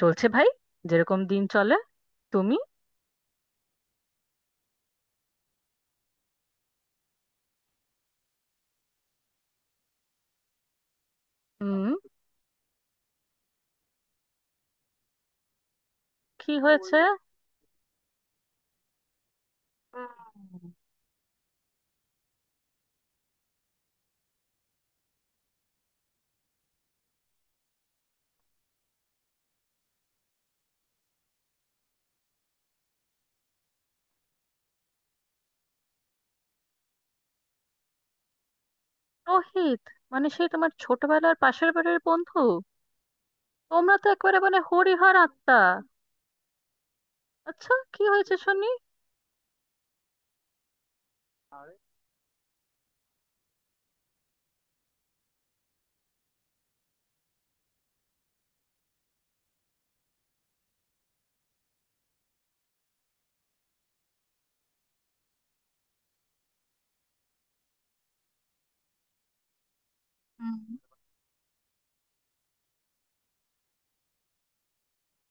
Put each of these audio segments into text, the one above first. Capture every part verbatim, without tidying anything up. চলছে ভাই। যেরকম দিন চলে। তুমি? হুম। কি হয়েছে? রোহিত? মানে সেই তোমার ছোটবেলার পাশের বাড়ির বন্ধু? তোমরা তো একেবারে মানে হরিহর আত্মা। আচ্ছা, কি হয়েছে শুনি।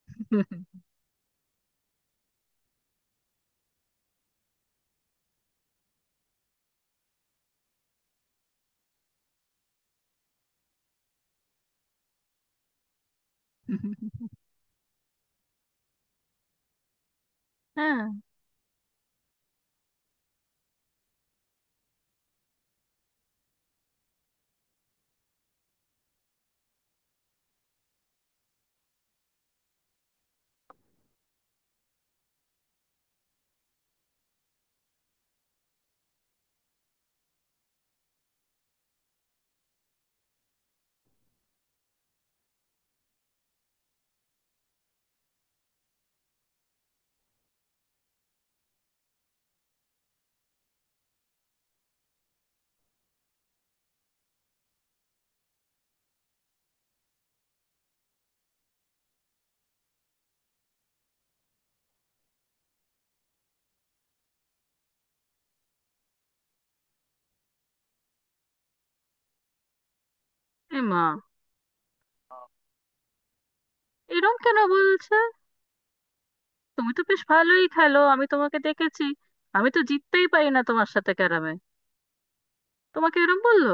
হুম। হ্যাঁ। এমা, এরম কেন বলছে? তুমি তো বেশ ভালোই খেলো, আমি তোমাকে দেখেছি। আমি তো জিততেই পারি না তোমার সাথে ক্যারামে। তোমাকে এরম বললো?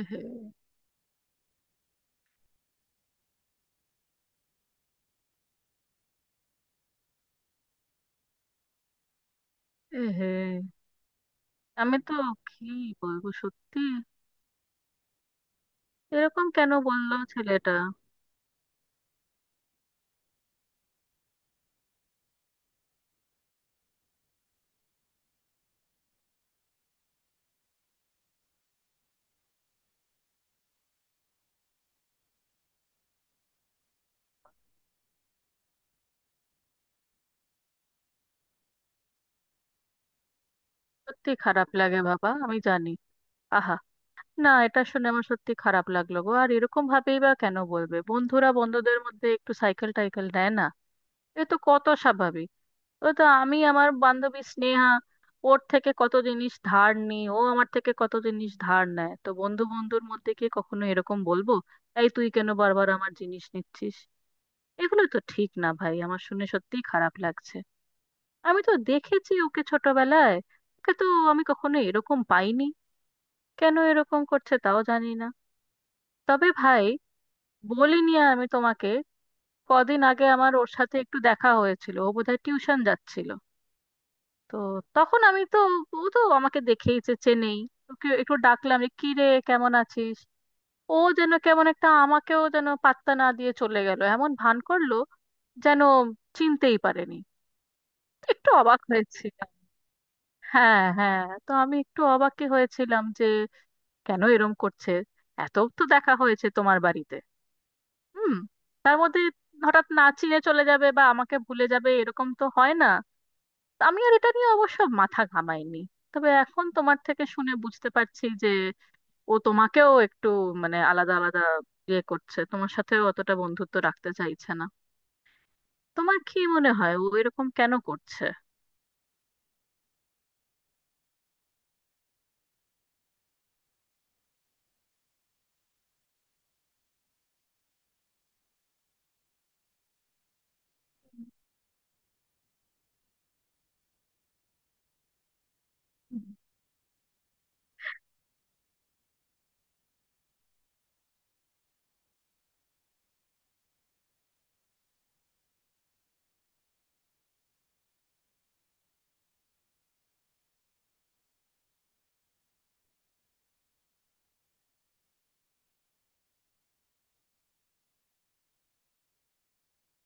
এহে। এহে। আমি তো, কি বলবো সত্যি, এরকম কেন বললো ছেলেটা? সত্যি খারাপ লাগে বাবা, আমি জানি। আহা। না, এটা শুনে আমার সত্যি খারাপ লাগলো গো। আর এরকম ভাবেই বা কেন বলবে? বন্ধুরা বন্ধুদের মধ্যে একটু সাইকেল টাইকেল নেয় না? এ তো কত স্বাভাবিক। ও তো, আমি আমার বান্ধবী স্নেহা, ওর থেকে কত জিনিস ধার নিই, ও আমার থেকে কত জিনিস ধার নেয়। তো বন্ধু বন্ধুর মধ্যে কি কখনো এরকম বলবো, এই তুই কেন বারবার আমার জিনিস নিচ্ছিস? এগুলো তো ঠিক না ভাই, আমার শুনে সত্যিই খারাপ লাগছে। আমি তো দেখেছি ওকে ছোটবেলায়, ওকে তো আমি কখনো এরকম পাইনি। কেন এরকম করছে তাও জানি না। তবে ভাই, বলিনি আমি তোমাকে, কদিন আগে আমার ওর সাথে একটু দেখা হয়েছিল, ও বোধহয় টিউশন যাচ্ছিল। তো তখন আমি তো, ও তো আমাকে দেখেইছে, চেনেই। ওকে একটু ডাকলাম যে কি রে, কেমন আছিস। ও যেন কেমন একটা আমাকেও যেন পাত্তা না দিয়ে চলে গেল, এমন ভান করলো যেন চিনতেই পারেনি। একটু অবাক হয়েছিলাম। হ্যাঁ হ্যাঁ, তো আমি একটু অবাকই হয়েছিলাম যে কেন এরম করছে। এত তো দেখা হয়েছে তোমার বাড়িতে, হুম, তার মধ্যে হঠাৎ না চিনে চলে যাবে বা আমাকে ভুলে যাবে এরকম তো হয় না। তো আমি আর এটা নিয়ে অবশ্য মাথা ঘামাইনি। তবে এখন তোমার থেকে শুনে বুঝতে পারছি যে ও তোমাকেও একটু মানে আলাদা আলাদা ইয়ে করছে, তোমার সাথেও অতটা বন্ধুত্ব রাখতে চাইছে না। তোমার কি মনে হয় ও এরকম কেন করছে?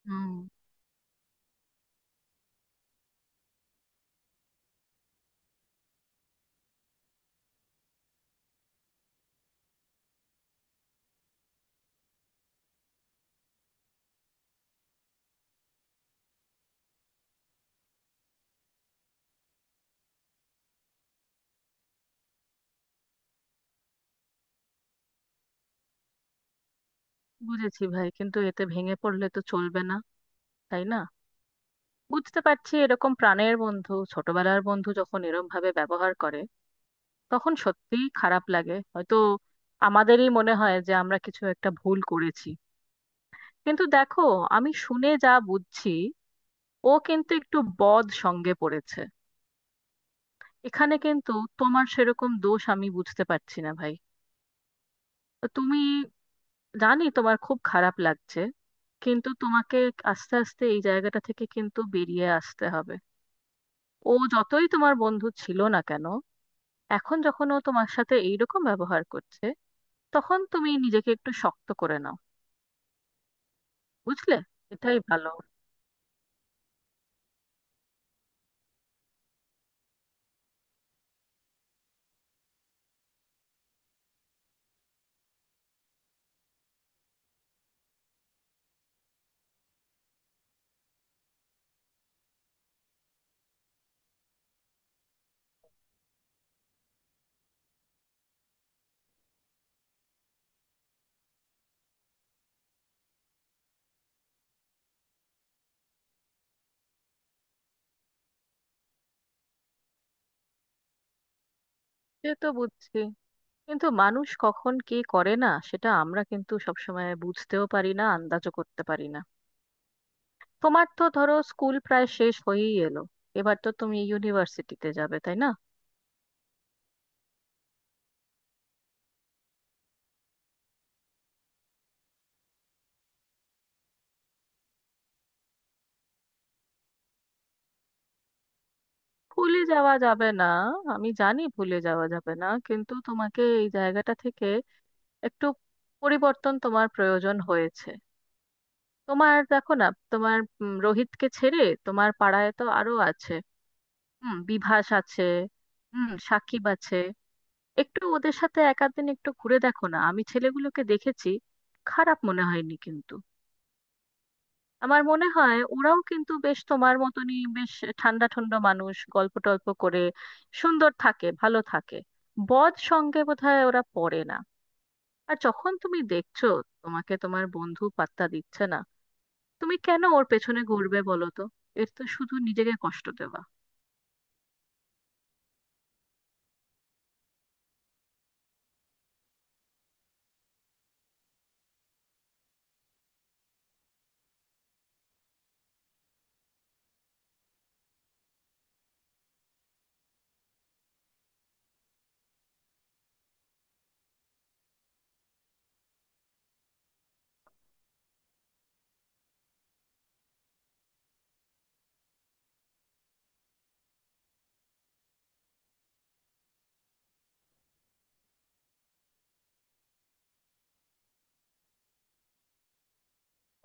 হুম, বুঝেছি ভাই, কিন্তু এতে ভেঙে পড়লে তো চলবে না, তাই না? বুঝতে পারছি, এরকম প্রাণের বন্ধু, ছোটবেলার বন্ধু যখন এরম ভাবে ব্যবহার করে তখন সত্যিই খারাপ লাগে। হয়তো আমাদেরই মনে হয় যে আমরা কিছু একটা ভুল করেছি। কিন্তু দেখো, আমি শুনে যা বুঝছি ও কিন্তু একটু বদ সঙ্গে পড়েছে। এখানে কিন্তু তোমার সেরকম দোষ আমি বুঝতে পারছি না ভাই। তো তুমি, জানি তোমার খুব খারাপ লাগছে, কিন্তু তোমাকে আস্তে আস্তে এই জায়গাটা থেকে কিন্তু বেরিয়ে আসতে হবে। ও যতই তোমার বন্ধু ছিল না কেন, এখন যখন ও তোমার সাথে এইরকম ব্যবহার করছে, তখন তুমি নিজেকে একটু শক্ত করে নাও। বুঝলে? এটাই ভালো। সে তো বুঝছি, কিন্তু মানুষ কখন কি করে না সেটা আমরা কিন্তু সবসময় বুঝতেও পারি না, আন্দাজও করতে পারি না। তোমার তো ধরো স্কুল প্রায় শেষ হয়েই এলো, এবার তো তুমি ইউনিভার্সিটিতে যাবে, তাই না? ভুলে যাওয়া যাবে না, আমি জানি ভুলে যাওয়া যাবে না, কিন্তু তোমাকে এই জায়গাটা থেকে একটু পরিবর্তন তোমার প্রয়োজন হয়েছে। তোমার দেখো না, তোমার উম, রোহিতকে ছেড়ে তোমার পাড়ায় তো আরো আছে। হুম, বিভাস আছে, হুম, সাকিব আছে। একটু ওদের সাথে এক আধ দিন একটু ঘুরে দেখো না, আমি ছেলেগুলোকে দেখেছি, খারাপ মনে হয়নি কিন্তু। আমার মনে হয় ওরাও কিন্তু বেশ তোমার মতনই বেশ ঠান্ডা ঠান্ডা মানুষ, গল্প টল্প করে, সুন্দর থাকে, ভালো থাকে। বদ সঙ্গে বোধহয় ওরা পড়ে না। আর যখন তুমি দেখছো তোমাকে তোমার বন্ধু পাত্তা দিচ্ছে না, তুমি কেন ওর পেছনে ঘুরবে বলো তো? এর তো শুধু নিজেকে কষ্ট দেওয়া।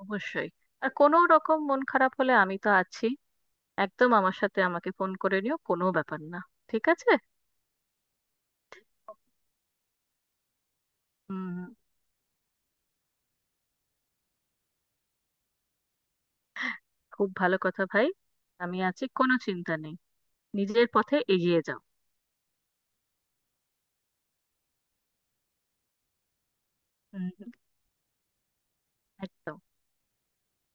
অবশ্যই। আর কোনো রকম মন খারাপ হলে আমি তো আছি, একদম আমার সাথে, আমাকে ফোন করে নিও, কোনো ব্যাপার না। ঠিক আছে। হুম। খুব ভালো কথা ভাই, আমি আছি, কোনো চিন্তা নেই। নিজের পথে এগিয়ে যাও। হুম হুম, একদম।